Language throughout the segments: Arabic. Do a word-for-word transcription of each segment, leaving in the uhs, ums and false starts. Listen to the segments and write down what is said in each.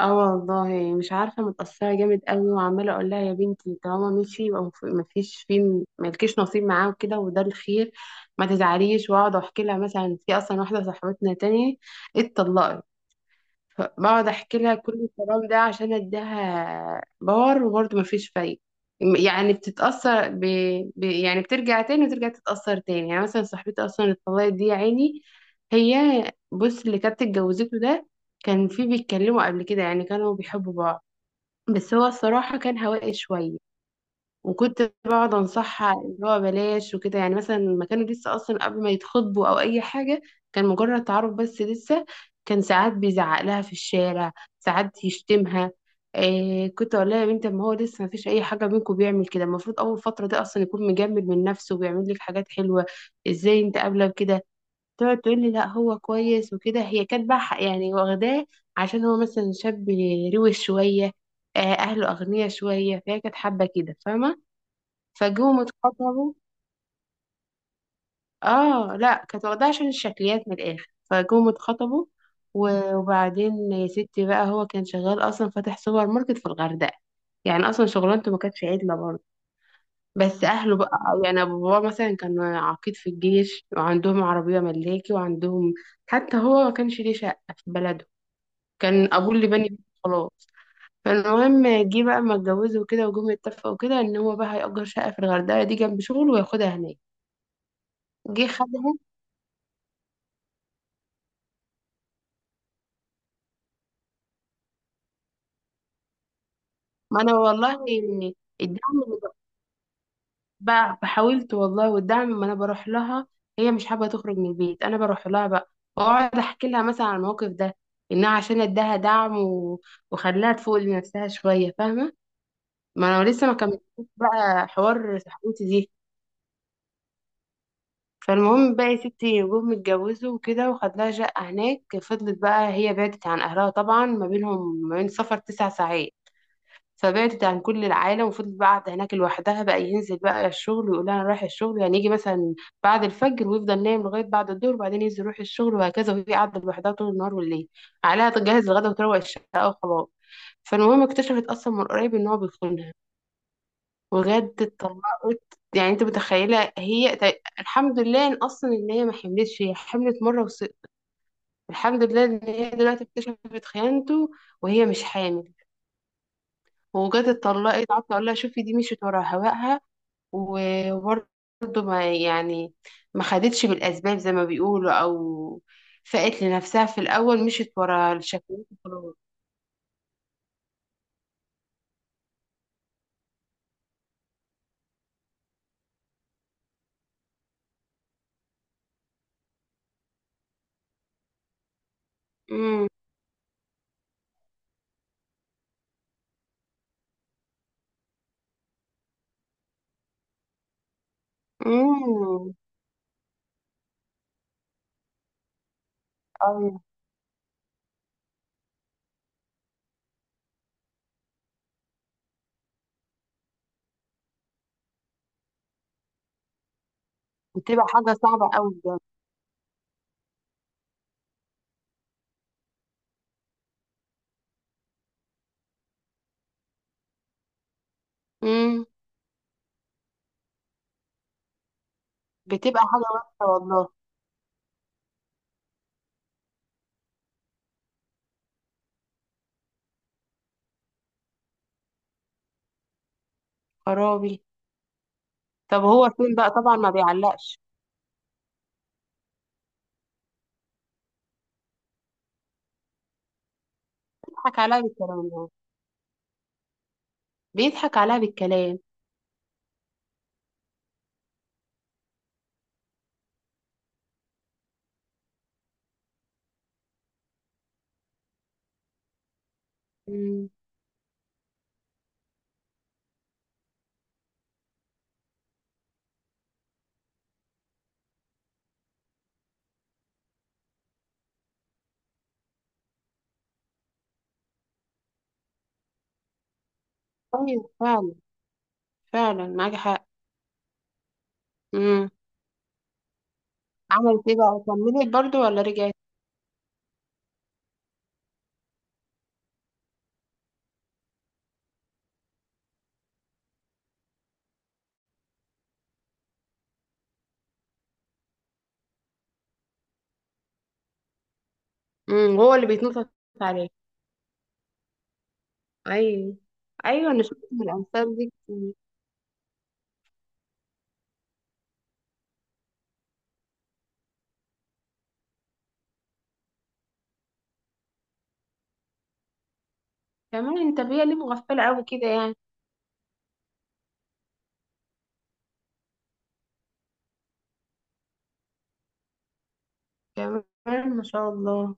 اه والله مش عارفة، متأثرة جامد قوي وعمالة اقول لها يا بنتي طالما مشي يبقى مف- مفيش فيه، ملكيش نصيب معاه وكده، وده الخير. ما تزعليش. واقعد احكي لها مثلا في اصلا واحدة صاحبتنا تاني اتطلقت، فبقعد احكي لها كل الكلام ده عشان اديها باور، وبرضه مفيش فايدة. يعني بتتأثر ب... ب... يعني بترجع تاني وترجع تتأثر تاني. يعني مثلا صاحبتي أصلا اللي اتطلقت دي، يا عيني، هي، بص، اللي كانت اتجوزته ده كان في بيتكلموا قبل كده، يعني كانوا بيحبوا بعض، بس هو الصراحة كان هوائي شوية. وكنت بقعد انصحها اللي هو بلاش وكده، يعني مثلا ما كانوا لسه اصلا قبل ما يتخطبوا او اي حاجه، كان مجرد تعارف بس لسه. كان ساعات بيزعق لها في الشارع، ساعات يشتمها. إيه، كنت اقول لها يا بنت، ما هو لسه ما فيش اي حاجه بينكم بيعمل كده. المفروض اول فتره ده اصلا يكون مجمد من نفسه وبيعمل لك حاجات حلوه. ازاي انت قابله بكده؟ تقعد تقول لي لا هو كويس وكده. هي كانت بقى ح- يعني واخداه، عشان هو مثلا شاب روش شويه، آه، اهله اغنياء شويه، فهي كانت حابه كده، فاهمه؟ فجم اتخطبوا. اه لا، كانت واخداها عشان الشكليات من الاخر، فجم اتخطبوا. و- وبعدين يا ستي بقى هو كان شغال اصلا فاتح سوبر ماركت في الغردقه، يعني اصلا شغلانته ما كانتش عدله برضه. بس اهله بقى، يعني أبو بابا مثلا كان عقيد في الجيش، وعندهم عربيه ملاكي وعندهم، حتى هو ما كانش ليه شقه في بلده، كان ابوه اللي بني بيته خلاص. فالمهم جه بقى ما اتجوزوا وكده، وجم يتفقوا كده ان هو بقى هيأجر شقه في الغردقه دي جنب شغله وياخدها هناك. جه خدها. ما انا والله الدعم اللي ب- ب- حاولت والله، والدعم ما انا بروح لها. هي مش حابه تخرج من البيت، انا بروح لها بقى واقعد احكي لها مثلا عن الموقف ده، انها عشان اداها دعم و... وخلاها تفوق لنفسها شويه، فاهمه؟ ما انا لسه ما كملتش بقى حوار صاحبتي دي. فالمهم بقى يا ستي، جم اتجوزوا وكده وخد لها شقه هناك. فضلت بقى هي بعدت عن اهلها، طبعا ما بينهم ما بين سفر تسع ساعات، فبعدت عن كل العالم، وفضلت بقى قاعدة هناك لوحدها. بقى ينزل بقى الشغل ويقول انا رايح الشغل، يعني يجي مثلا بعد الفجر ويفضل نايم لغاية بعد الظهر، وبعدين ينزل يروح الشغل، وهكذا. وهي قاعدة لوحدها طول النهار والليل، عليها تجهز الغدا وتروق الشقة وخلاص. فالمهم اكتشفت اصلا من قريب ان هو بيخونها، وجد اتطلقت. يعني انت متخيله هي، ت- الحمد لله ان اصلا ان هي ما حملتش، هي حملت مره وس... الحمد لله ان هي دلوقتي اكتشفت خيانته وهي مش حامل، وجت اتطلقت. قعدت اقول لها شوفي دي مشيت ورا هواها، وبرضه ما، يعني ما خدتش بالأسباب زي ما بيقولوا، أو فقت لنفسها في الأول، مشيت ورا الشكوى وخلاص. امم. امم. أيوة. بتبقى حاجة صعبة أوي بجد. امم. بتبقى حاجة وحشة والله. خرابي. طب هو فين بقى؟ طبعا ما بيعلقش. بيضحك عليها بالكلام ده. بيضحك عليها بالكلام. امم. أيوة فعلا. فعلا معاكي حق. امم. عملت ايه بقى؟ كملت برضو ولا رجعت؟ امم. هو اللي بيتنطط عليها. ايوه ايوه، انا شفت من الامثال دي. كمان انت بيه ليه مغفله قوي كده يعني؟ كمان ما شاء الله.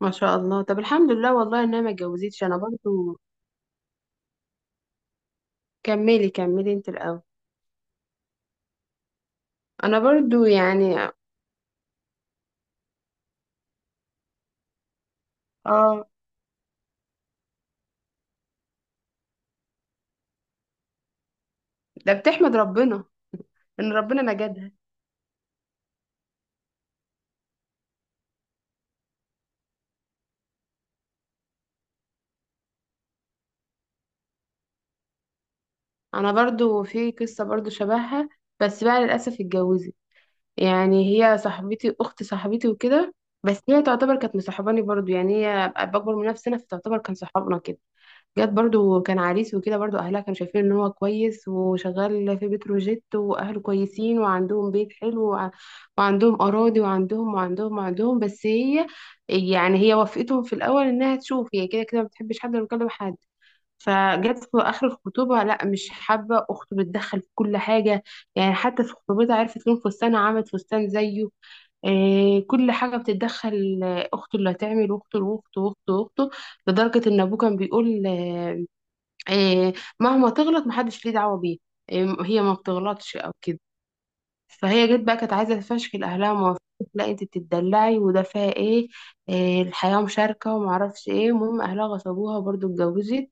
ما شاء الله. طب الحمد لله والله ان انا ما اتجوزتش انا برضو. كملي كملي انت الاول. انا برضو يعني. اه، ده بتحمد ربنا ان ربنا نجدها. انا برضو في قصه برضو شبهها، بس بقى للاسف اتجوزت. يعني هي صاحبتي، اخت صاحبتي وكده، بس هي تعتبر كانت مصاحباني برضو. يعني هي اكبر من نفسنا، فتعتبر كان صحابنا كده. جت برضو كان عريس وكده، برضو اهلها كانوا شايفين ان هو كويس وشغال في بتروجيت، واهله كويسين وعندهم بيت حلو وع- وعندهم اراضي وعندهم وعندهم وعندهم، بس هي يعني هي وافقتهم في الاول انها تشوف، هي كده كده ما بتحبش حد ولا بتكلم حد. فجت في اخر الخطوبه، لا مش حابه، اخته بتدخل في كل حاجه، يعني حتى في خطوبتها عرفت لون فستانها عملت فستان زيه، آه، كل حاجة بتتدخل، آه، أخته اللي هتعمل، أخته وأخته وأخته وأخته، لدرجة إن أبوه كان بيقول، آه، آه، مهما تغلط محدش ليه دعوة بيه، آه، هي ما بتغلطش او كده. فهي جت بقى كانت عايزة تفشكل اهلها وما، لا انت بتتدلعي وده فيها ايه، آه، الحياة مشاركة وما اعرفش ايه. المهم اهلها غصبوها، برضو اتجوزت.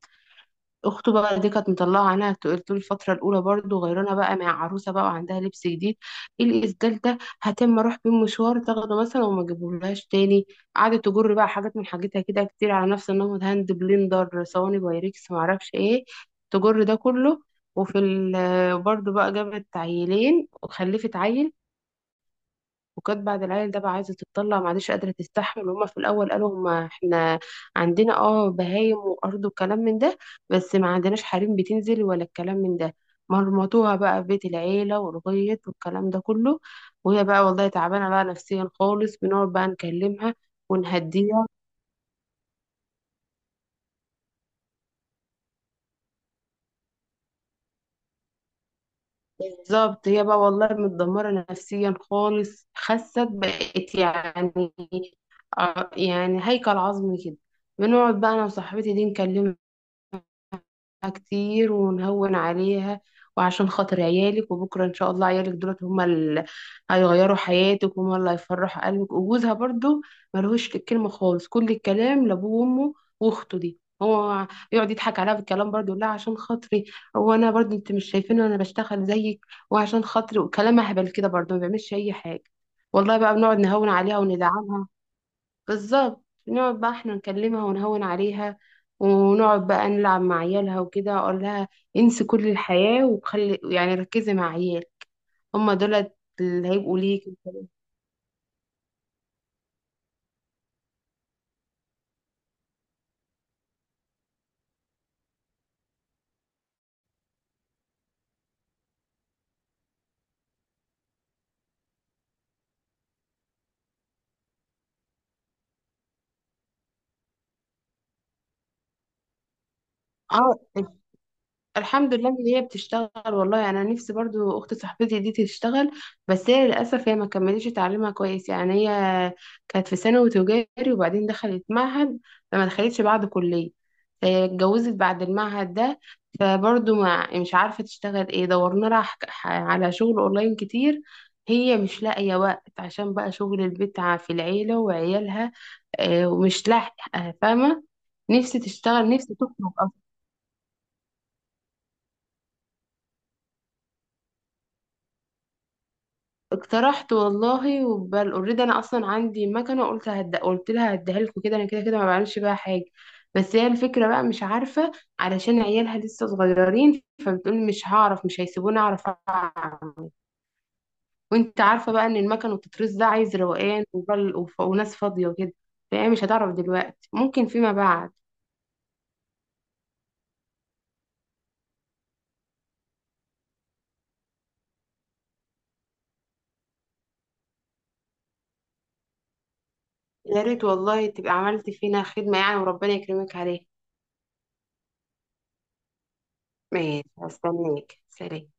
اخته بقى دي كانت مطلعه عينها طول، طول الفتره الاولى برضو، غيرنا بقى مع عروسه بقى وعندها لبس جديد، ايه الاسدال ده، هتم اروح بيه مشوار، تاخده مثلا وما اجيبهولهاش تاني، قعدت تجر بقى حاجات من حاجتها كده كتير على نفس النمط، هاند بلندر، صواني بايركس، معرفش ايه، تجر ده كله. وفي ال- برضو بقى جابت عيلين وخلفت عيل، وكانت بعد العيل ده بقى عايزه تتطلع، معلش قادره تستحمل، وهما في الاول قالوا هما احنا عندنا اه بهايم وارض وكلام من ده، بس ما عندناش حريم بتنزل ولا الكلام من ده. مرمطوها بقى في بيت العيله والغيط والكلام ده كله، وهي بقى والله تعبانه بقى نفسيا خالص. بنقعد بقى نكلمها ونهديها. بالظبط، هي بقى والله متدمره نفسيا خالص، خست بقت يعني، آه، يعني هيكل عظمي كده. بنقعد بقى انا وصاحبتي دي نكلمها كتير ونهون عليها، وعشان خاطر عيالك، وبكرة إن شاء الله عيالك دولت هما اللي هيغيروا حياتك، وهما اللي هيفرحوا قلبك. وجوزها برضو ملهوش الكلمة خالص، كل الكلام لأبوه وأمه وأخته دي، هو يقعد يضحك عليها بالكلام برضو، لا عشان خاطري، هو انا برضو، انت مش شايفين انا بشتغل زيك، وعشان خاطري، وكلام اهبل كده، برضو ما بيعملش اي حاجه. والله بقى بنقعد نهون عليها وندعمها. بالظبط، نقعد بقى احنا نكلمها ونهون عليها، ونقعد بقى نلعب مع عيالها وكده، اقول لها انسي كل الحياة، وخلي يعني ركزي مع عيال، هما دولت اللي هيبقوا ليك. اه الحمد لله ان هي بتشتغل والله، يعني انا نفسي برضو اخت صاحبتي دي تشتغل، بس هي للاسف هي ما كملتش تعليمها كويس، يعني هي كانت في ثانوي تجاري، وبعدين دخلت معهد، فما دخلتش بعد كليه، هي اتجوزت بعد المعهد ده. فبرضو ما مش عارفه تشتغل ايه، دورنا لها حك- ح- على شغل اونلاين كتير، هي مش لاقيه وقت عشان بقى شغل البيت ع- في العيله وعيالها، آه، ومش لاحقه، فاهمه؟ نفسي تشتغل، نفسي تخرج. اقترحت والله وبل اوريدي، انا اصلا عندي مكنه، قلت هد... قلت لها هديها لكم كده، انا كده كده ما بعملش بيها حاجه. بس هي الفكره بقى مش عارفه، علشان عيالها لسه صغيرين، فبتقول مش هعرف، مش هيسيبوني اعرف اعمل. وانت عارفه بقى ان المكن وتترس ده عايز روقان وبل... وف... وناس فاضيه وكده، فهي مش هتعرف دلوقتي، ممكن فيما بعد. يا ريت والله تبقى عملت فينا خدمه يعني، وربنا يكرمك عليها. ماشي، هستناك، سلام.